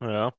Ja,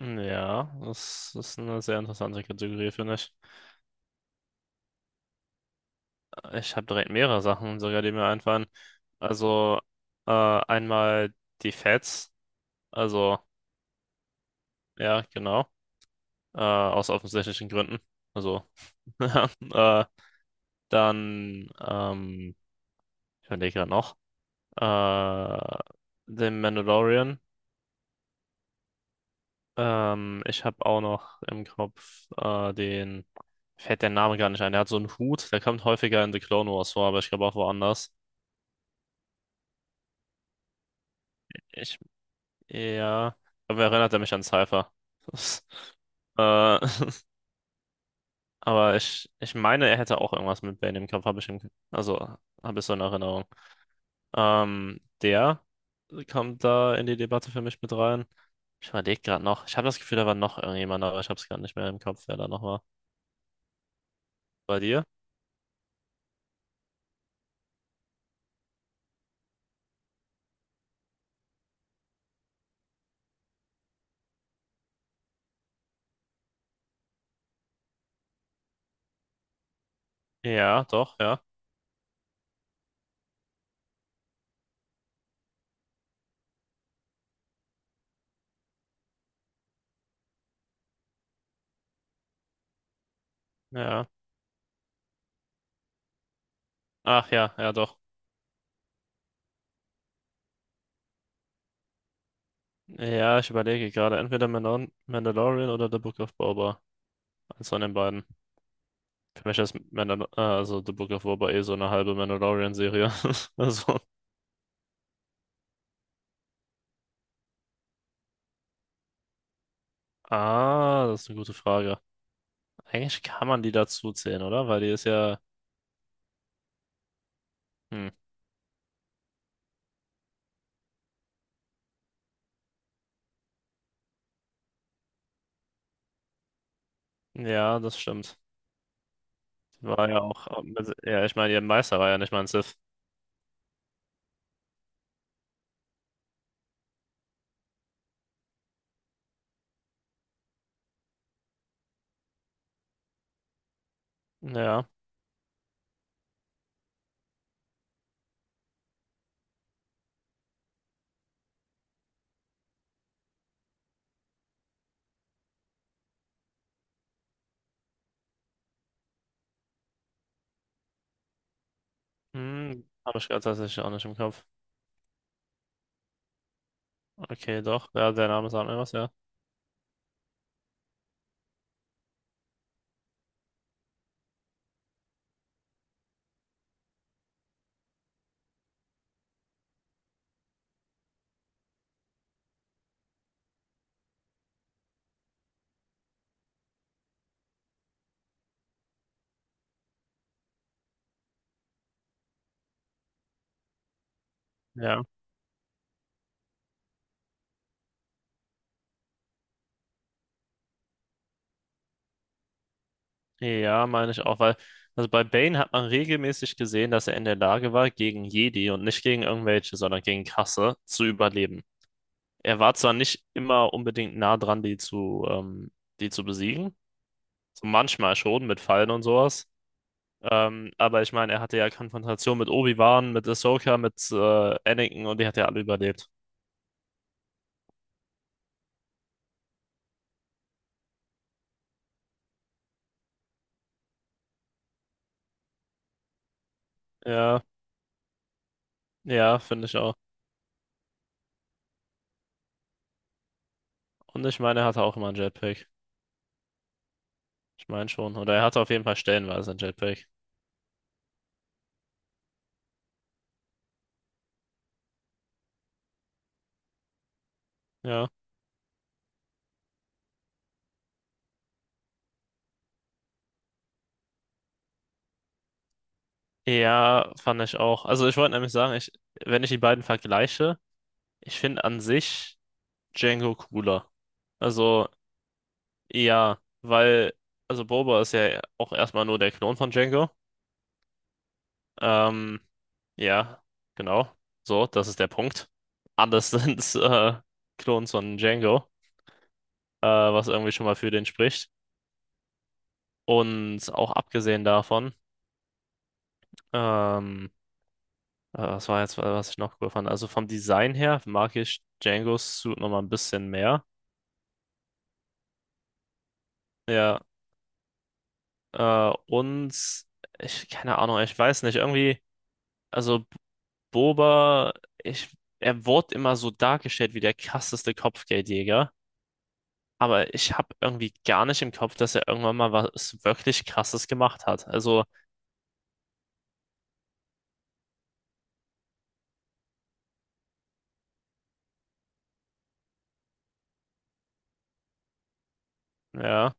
ja, das ist eine sehr interessante Kategorie, finde ich. Ich habe direkt mehrere Sachen sogar, die mir einfallen. Also einmal die Feds, also ja, genau, aus offensichtlichen Gründen. Also äh, dann, ähm, ich überlege gerade noch, äh, den Mandalorian. Ich habe auch noch im Kopf fällt der Name gar nicht ein. Der hat so einen Hut, der kommt häufiger in The Clone Wars vor, aber ich glaube auch woanders. Ich, ja, aber erinnert er mich an Cypher. Das- Äh, aber ich meine, er hätte auch irgendwas mit Bane im Kopf, habe ich im, also habe ich so in Erinnerung. Der kommt da in die Debatte für mich mit rein. Ich überlege gerade noch. Ich habe das Gefühl, da war noch irgendjemand, aber ich habe es gar nicht mehr im Kopf, wer da noch war. Bei dir? Ja, doch, ja. Ja. Ach ja, ja doch. Ja, ich überlege gerade, entweder Mandalorian oder The Book of Boba. Eins von den beiden. Für mich ist Mandal also The Book of Boba eh so eine halbe Mandalorian-Serie. Also, ah, das ist eine gute Frage. Eigentlich kann man die dazu zählen, oder? Weil die ist ja, hm, ja, das stimmt. Die War ja auch, ja, ich meine, ihr Meister war ja nicht mal ein Sith. Ja, hm, habe ich gerade tatsächlich auch nicht im Kopf. Okay, doch, ja, der Name sagt mir was, ja. Ja. Ja, meine ich auch, weil, also bei Bane hat man regelmäßig gesehen, dass er in der Lage war, gegen Jedi und nicht gegen irgendwelche, sondern gegen Kasse zu überleben. Er war zwar nicht immer unbedingt nah dran, die zu besiegen, so manchmal schon mit Fallen und sowas, aber ich meine, er hatte ja Konfrontation mit Obi-Wan, mit Ahsoka, mit Anakin, und die hat ja alle überlebt. Ja, ja, finde ich auch. Und ich meine, er hatte auch immer einen Jetpack. Ich meine schon. Oder er hatte auf jeden Fall stellenweise einen Jetpack. Ja. Ja, fand ich auch. Also ich wollte nämlich sagen, wenn ich die beiden vergleiche, ich finde an sich Django cooler. Also ja, weil, also Boba ist ja auch erstmal nur der Klon von Django. Ähm, ja, genau. So, das ist der Punkt. Alles sind Klons von Django, was irgendwie schon mal für den spricht. Und auch abgesehen davon, ähm, was war jetzt, was ich noch cool fand? Also vom Design her mag ich Django's Suit nochmal ein bisschen mehr. Ja, und ich, keine Ahnung, ich weiß nicht, irgendwie, also Boba, ich, er wurde immer so dargestellt wie der krasseste Kopfgeldjäger, aber ich habe irgendwie gar nicht im Kopf, dass er irgendwann mal was wirklich Krasses gemacht hat. Also, ja,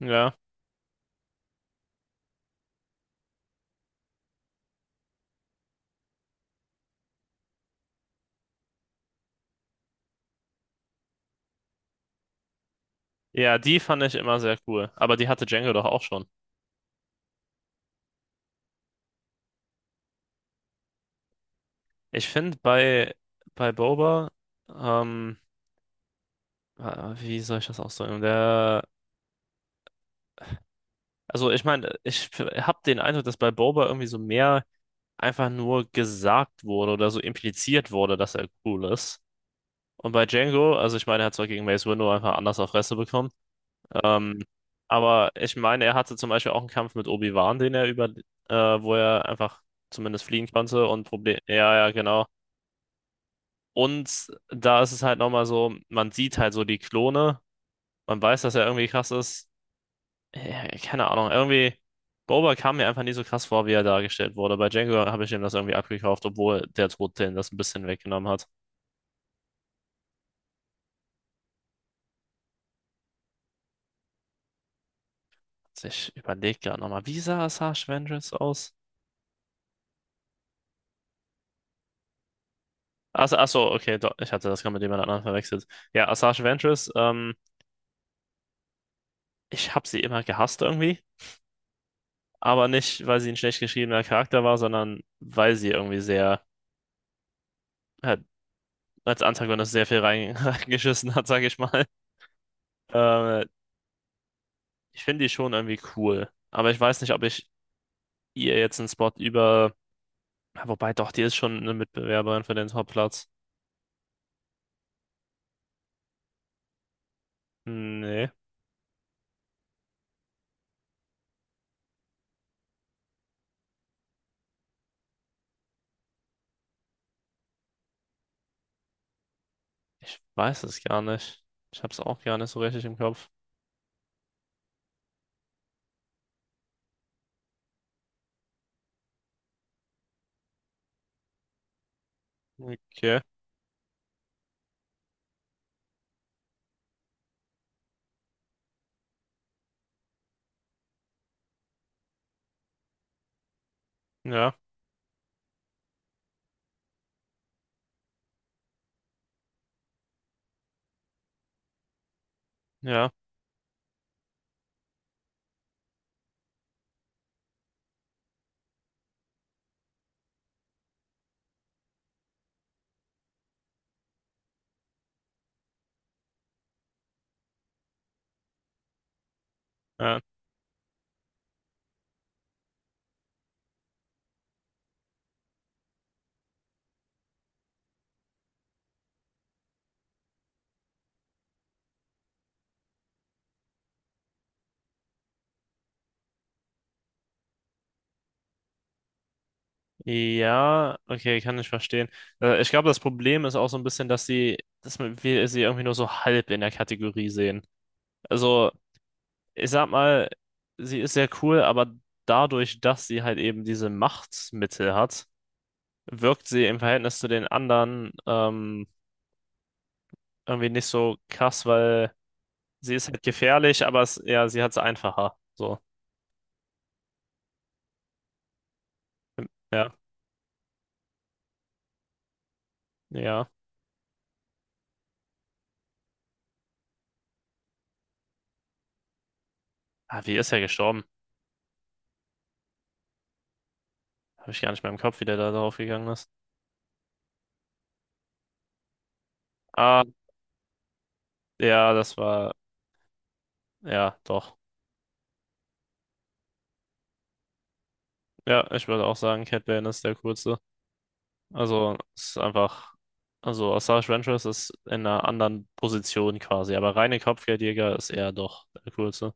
ja. Ja, die fand ich immer sehr cool, aber die hatte Django doch auch schon. Ich finde bei Boba, ähm, äh, wie soll ich das ausdrücken? Der, also ich meine, ich habe den Eindruck, dass bei Boba irgendwie so mehr einfach nur gesagt wurde oder so impliziert wurde, dass er cool ist. Und bei Django, also ich meine, er hat zwar gegen Mace Windu einfach anders auf Fresse bekommen, ähm, aber ich meine, er hatte zum Beispiel auch einen Kampf mit Obi-Wan, den er über, äh, wo er einfach zumindest fliehen konnte und Problem, ja, ja, genau. Und da ist es halt nochmal so, man sieht halt so die Klone, man weiß, dass er irgendwie krass ist, keine Ahnung, irgendwie, Boba kam mir einfach nicht so krass vor, wie er dargestellt wurde. Bei Django habe ich ihm das irgendwie abgekauft, obwohl der Tod den das ein bisschen weggenommen hat. Ich überlege gerade nochmal, wie sah Asajj Ventress aus? Ach so, okay, doch, ich hatte das gerade mit jemand anderem verwechselt. Ja, Asajj Ventress, ich habe sie immer gehasst irgendwie, aber nicht, weil sie ein schlecht geschriebener Charakter war, sondern weil sie irgendwie sehr, äh, als Antagonist sehr viel rein- reingeschissen hat, sage ich mal. Äh, Ich finde die schon irgendwie cool, aber ich weiß nicht, ob ich ihr jetzt einen Spot über. Ja, Wobei doch, die ist schon eine Mitbewerberin für den Topplatz. Nee, ich weiß es gar nicht. Ich hab's auch gar nicht so richtig im Kopf. Okay, ja, ja. Ja, ja, okay, kann ich verstehen. Ich glaube, das Problem ist auch so ein bisschen, dass wir sie irgendwie nur so halb in der Kategorie sehen. Also, ich sag mal, sie ist sehr cool, aber dadurch, dass sie halt eben diese Machtmittel hat, wirkt sie im Verhältnis zu den anderen, irgendwie nicht so krass, weil sie ist halt gefährlich, aber es, ja, sie hat es einfacher. So. Ja, ja. Ah, wie ist er gestorben? Habe ich gar nicht mehr im Kopf, wie der da drauf gegangen ist. Ah, ja, das war, ja, doch. Ja, ich würde auch sagen, Cat Bane ist der kurze. Also, es ist einfach, also Osage Ventress ist in einer anderen Position quasi, aber reine Kopfgeldjäger ist er doch der kurze.